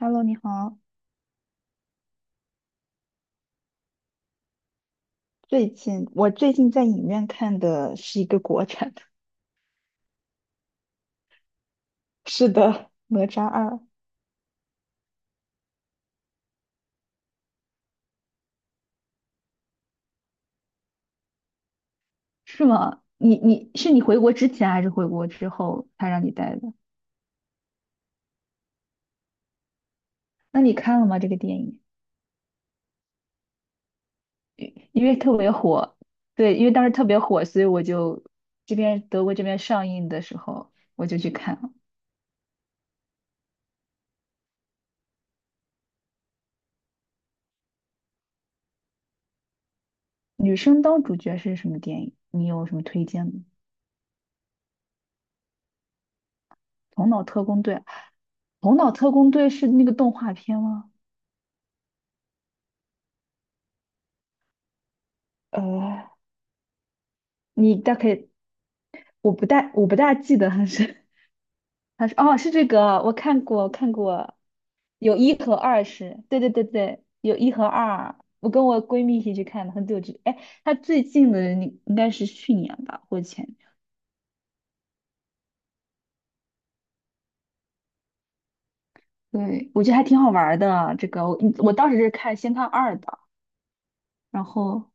Hello，你好。我最近在影院看的是一个国产的，是的，《哪吒二》。是吗？你是回国之前还是回国之后他让你带的？那你看了吗？这个电影，因为特别火，对，因为当时特别火，所以我就德国这边上映的时候我就去看了。女生当主角是什么电影？你有什么推荐吗？《头脑特工队》，《头脑特工队》是那个动画片吗？呃，你大概我不大记得他是，哦，是这个，我看过，有一和二，是，对对对对，有一和二，我跟我闺蜜一起去看的，很久之哎，他最近的应该是去年吧或者前年，对，我觉得还挺好玩儿的这个，我当时是先看二的，然后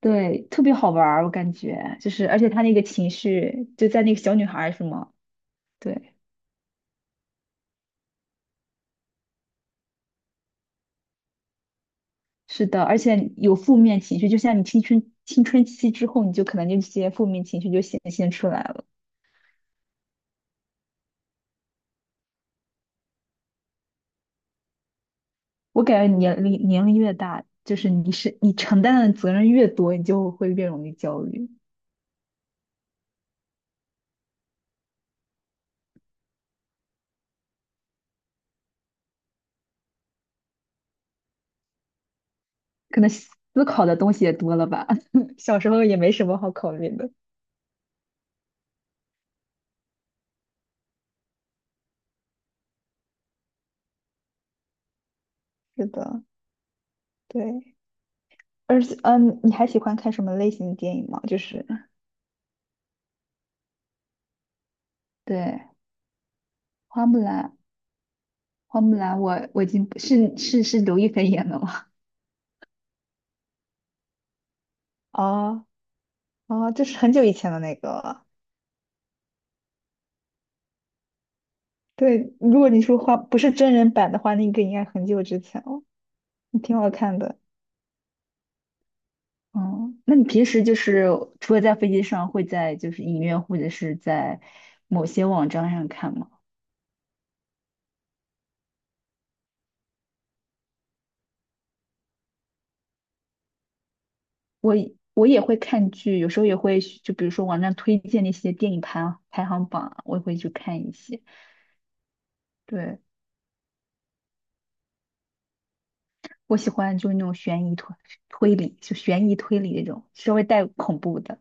对，特别好玩儿，我感觉就是，而且他那个情绪就在那个小女孩儿是吗？对。是的，而且有负面情绪，就像你青春期之后，你就可能这些负面情绪就显现出来了。我感觉年龄越大，就是你承担的责任越多，你就会越容易焦虑，可能思考的东西也多了吧。小时候也没什么好考虑的。是的，对。而且，嗯，你还喜欢看什么类型的电影吗？就是，对，花木兰，花木兰，我已经不是刘亦菲演的吗？哦哦，就是很久以前的那个。对，如果你说画不是真人版的话，那个应该很久之前了，挺好看的。嗯，那你平时就是除了在飞机上，会在就是影院或者是在某些网站上看吗？我也会看剧，有时候也会去就比如说网站推荐那些电影排行榜啊我也会去看一些。对，我喜欢就是那种悬疑推理，就悬疑推理那种稍微带恐怖的。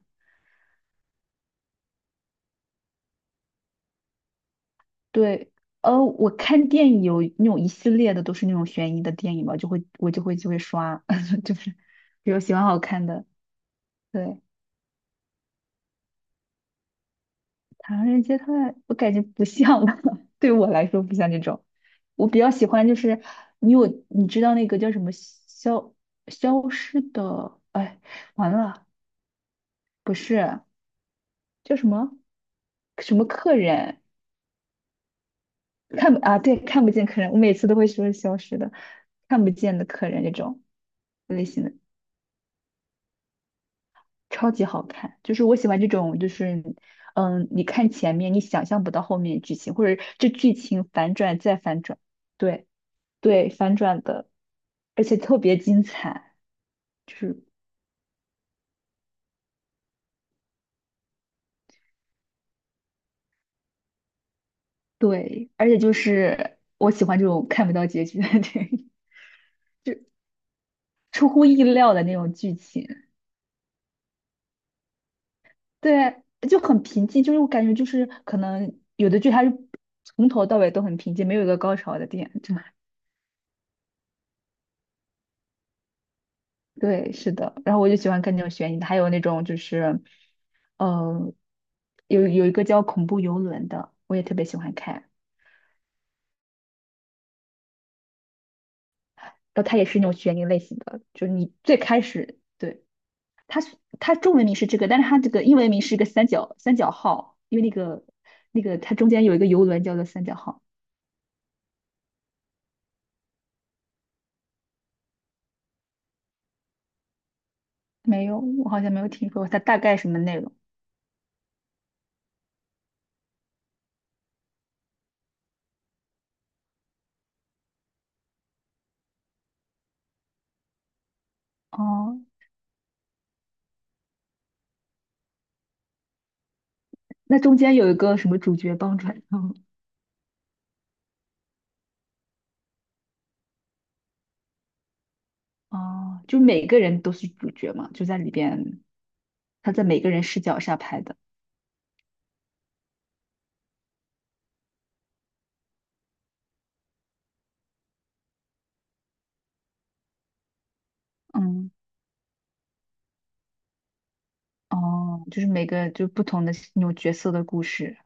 对，我看电影有那种一系列的都是那种悬疑的电影吧，我就会刷，就是比有喜欢好看的。对，《唐人街探案》我感觉不像吧 对我来说不像这种。我比较喜欢就是，你知道那个叫什么，消失的，哎，完了，不是，叫什么，什么客人，看不啊？对，看不见客人，我每次都会说消失的，看不见的客人这种类型的。超级好看，就是我喜欢这种，就是，嗯，你看前面，你想象不到后面剧情，或者这剧情反转再反转，对对，反转的，而且特别精彩，就是对，而且就是我喜欢这种看不到结局的电影， 出乎意料的那种剧情，对，就很平静，就是我感觉就是可能有的剧它是从头到尾都很平静，没有一个高潮的点，对，是的。然后我就喜欢看那种悬疑的，还有那种就是，呃，有一个叫《恐怖游轮》的，我也特别喜欢看。然后它也是那种悬疑类型的，就是你最开始对，它中文名是这个，但是它这个英文名是一个三角号，因为那个它中间有一个游轮叫做三角号。没有，我好像没有听说过它大概什么内容。哦，那中间有一个什么主角帮转？哦，就每个人都是主角嘛，就在里边。他在每个人视角下拍的。嗯，哦，就是每个就不同的那种角色的故事。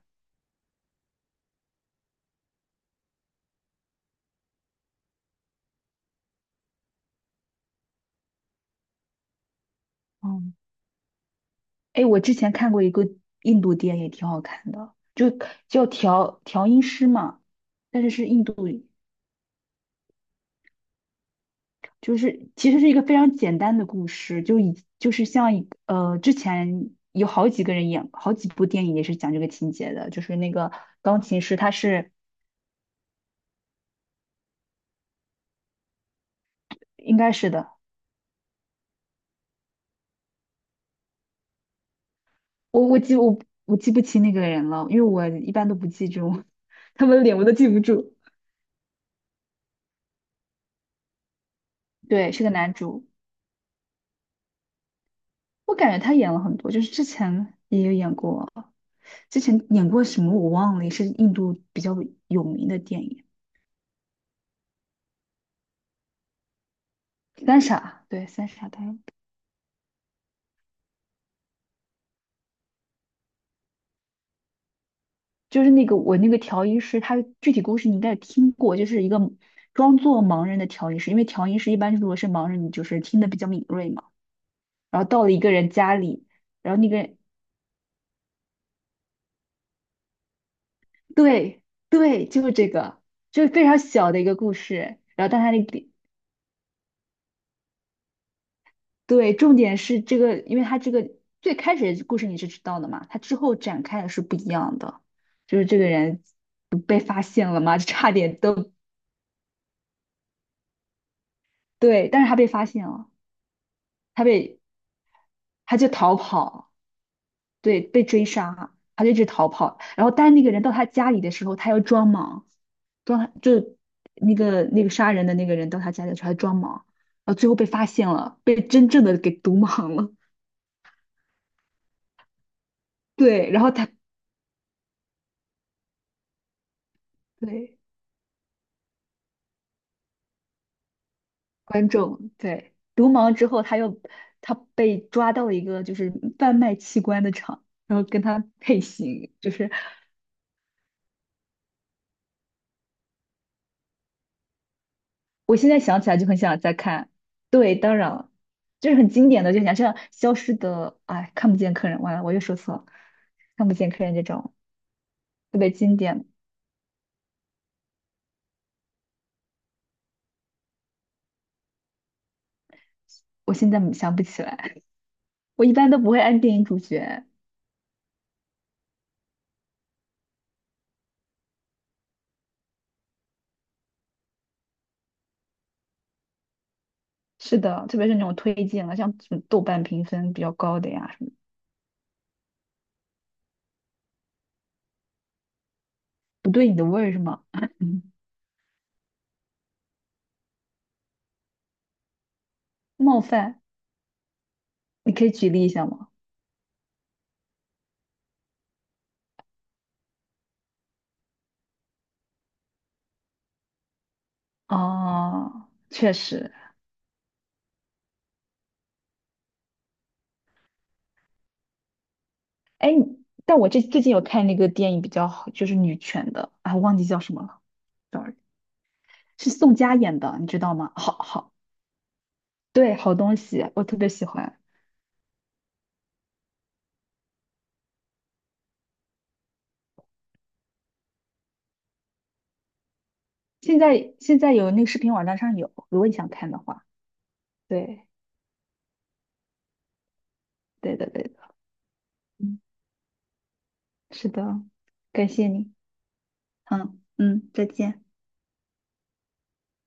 哦，哎，我之前看过一个印度电影，挺好看的，就叫调音师嘛，但是是印度，就是其实是一个非常简单的故事，就是像一个，之前有好几个人演好几部电影也是讲这个情节的，就是那个钢琴师，他是应该是的。我我记我我记不清那个人了，因为我一般都不记住 他们的脸我都记不住。对，是个男主，我感觉他演了很多，就是之前也有演过，之前演过什么我忘了，也是印度比较有名的电影《三傻》。对，《三傻》他就是我那个调音师，他具体故事你应该也听过，就是一个装作盲人的调音师，因为调音师一般如果是盲人，你就是听得比较敏锐嘛。然后到了一个人家里，然后那个，对对，就是这个，就是非常小的一个故事。然后，但他那个，对，重点是这个，因为他这个最开始的故事你是知道的嘛，他之后展开的是不一样的。就是这个人不被发现了嘛，就差点都，对，但是他被发现了，他被他就逃跑，对，被追杀，他就一直逃跑。然后，但是那个人到他家里的时候，他要装莽，就那个杀人的那个人到他家里去还装盲，然后最后被发现了，被真正的给毒盲了。对，然后他对，观众，对，毒盲之后，他被抓到了一个就是贩卖器官的厂，然后跟他配型，就是我现在想起来就很想再看。对，当然了，就是很经典的，就想像消失的，哎，看不见客人，完了我又说错了，看不见客人这种特别经典，我现在想不起来。我一般都不会按电影主角。是的，特别是那种推荐了，像什么豆瓣评分比较高的呀，什么不对你的味儿是吗？嗯，冒犯，你可以举例一下吗？哦，确实，哎，你但我这最近有看那个电影比较好，就是女权的啊，忘记叫什么了，sorry，是宋佳演的，你知道吗？好好，对，好东西，我特别喜欢。现在有那个视频网站上有，如果你想看的话，对，对的对的，嗯，是的，感谢你。嗯嗯，再见。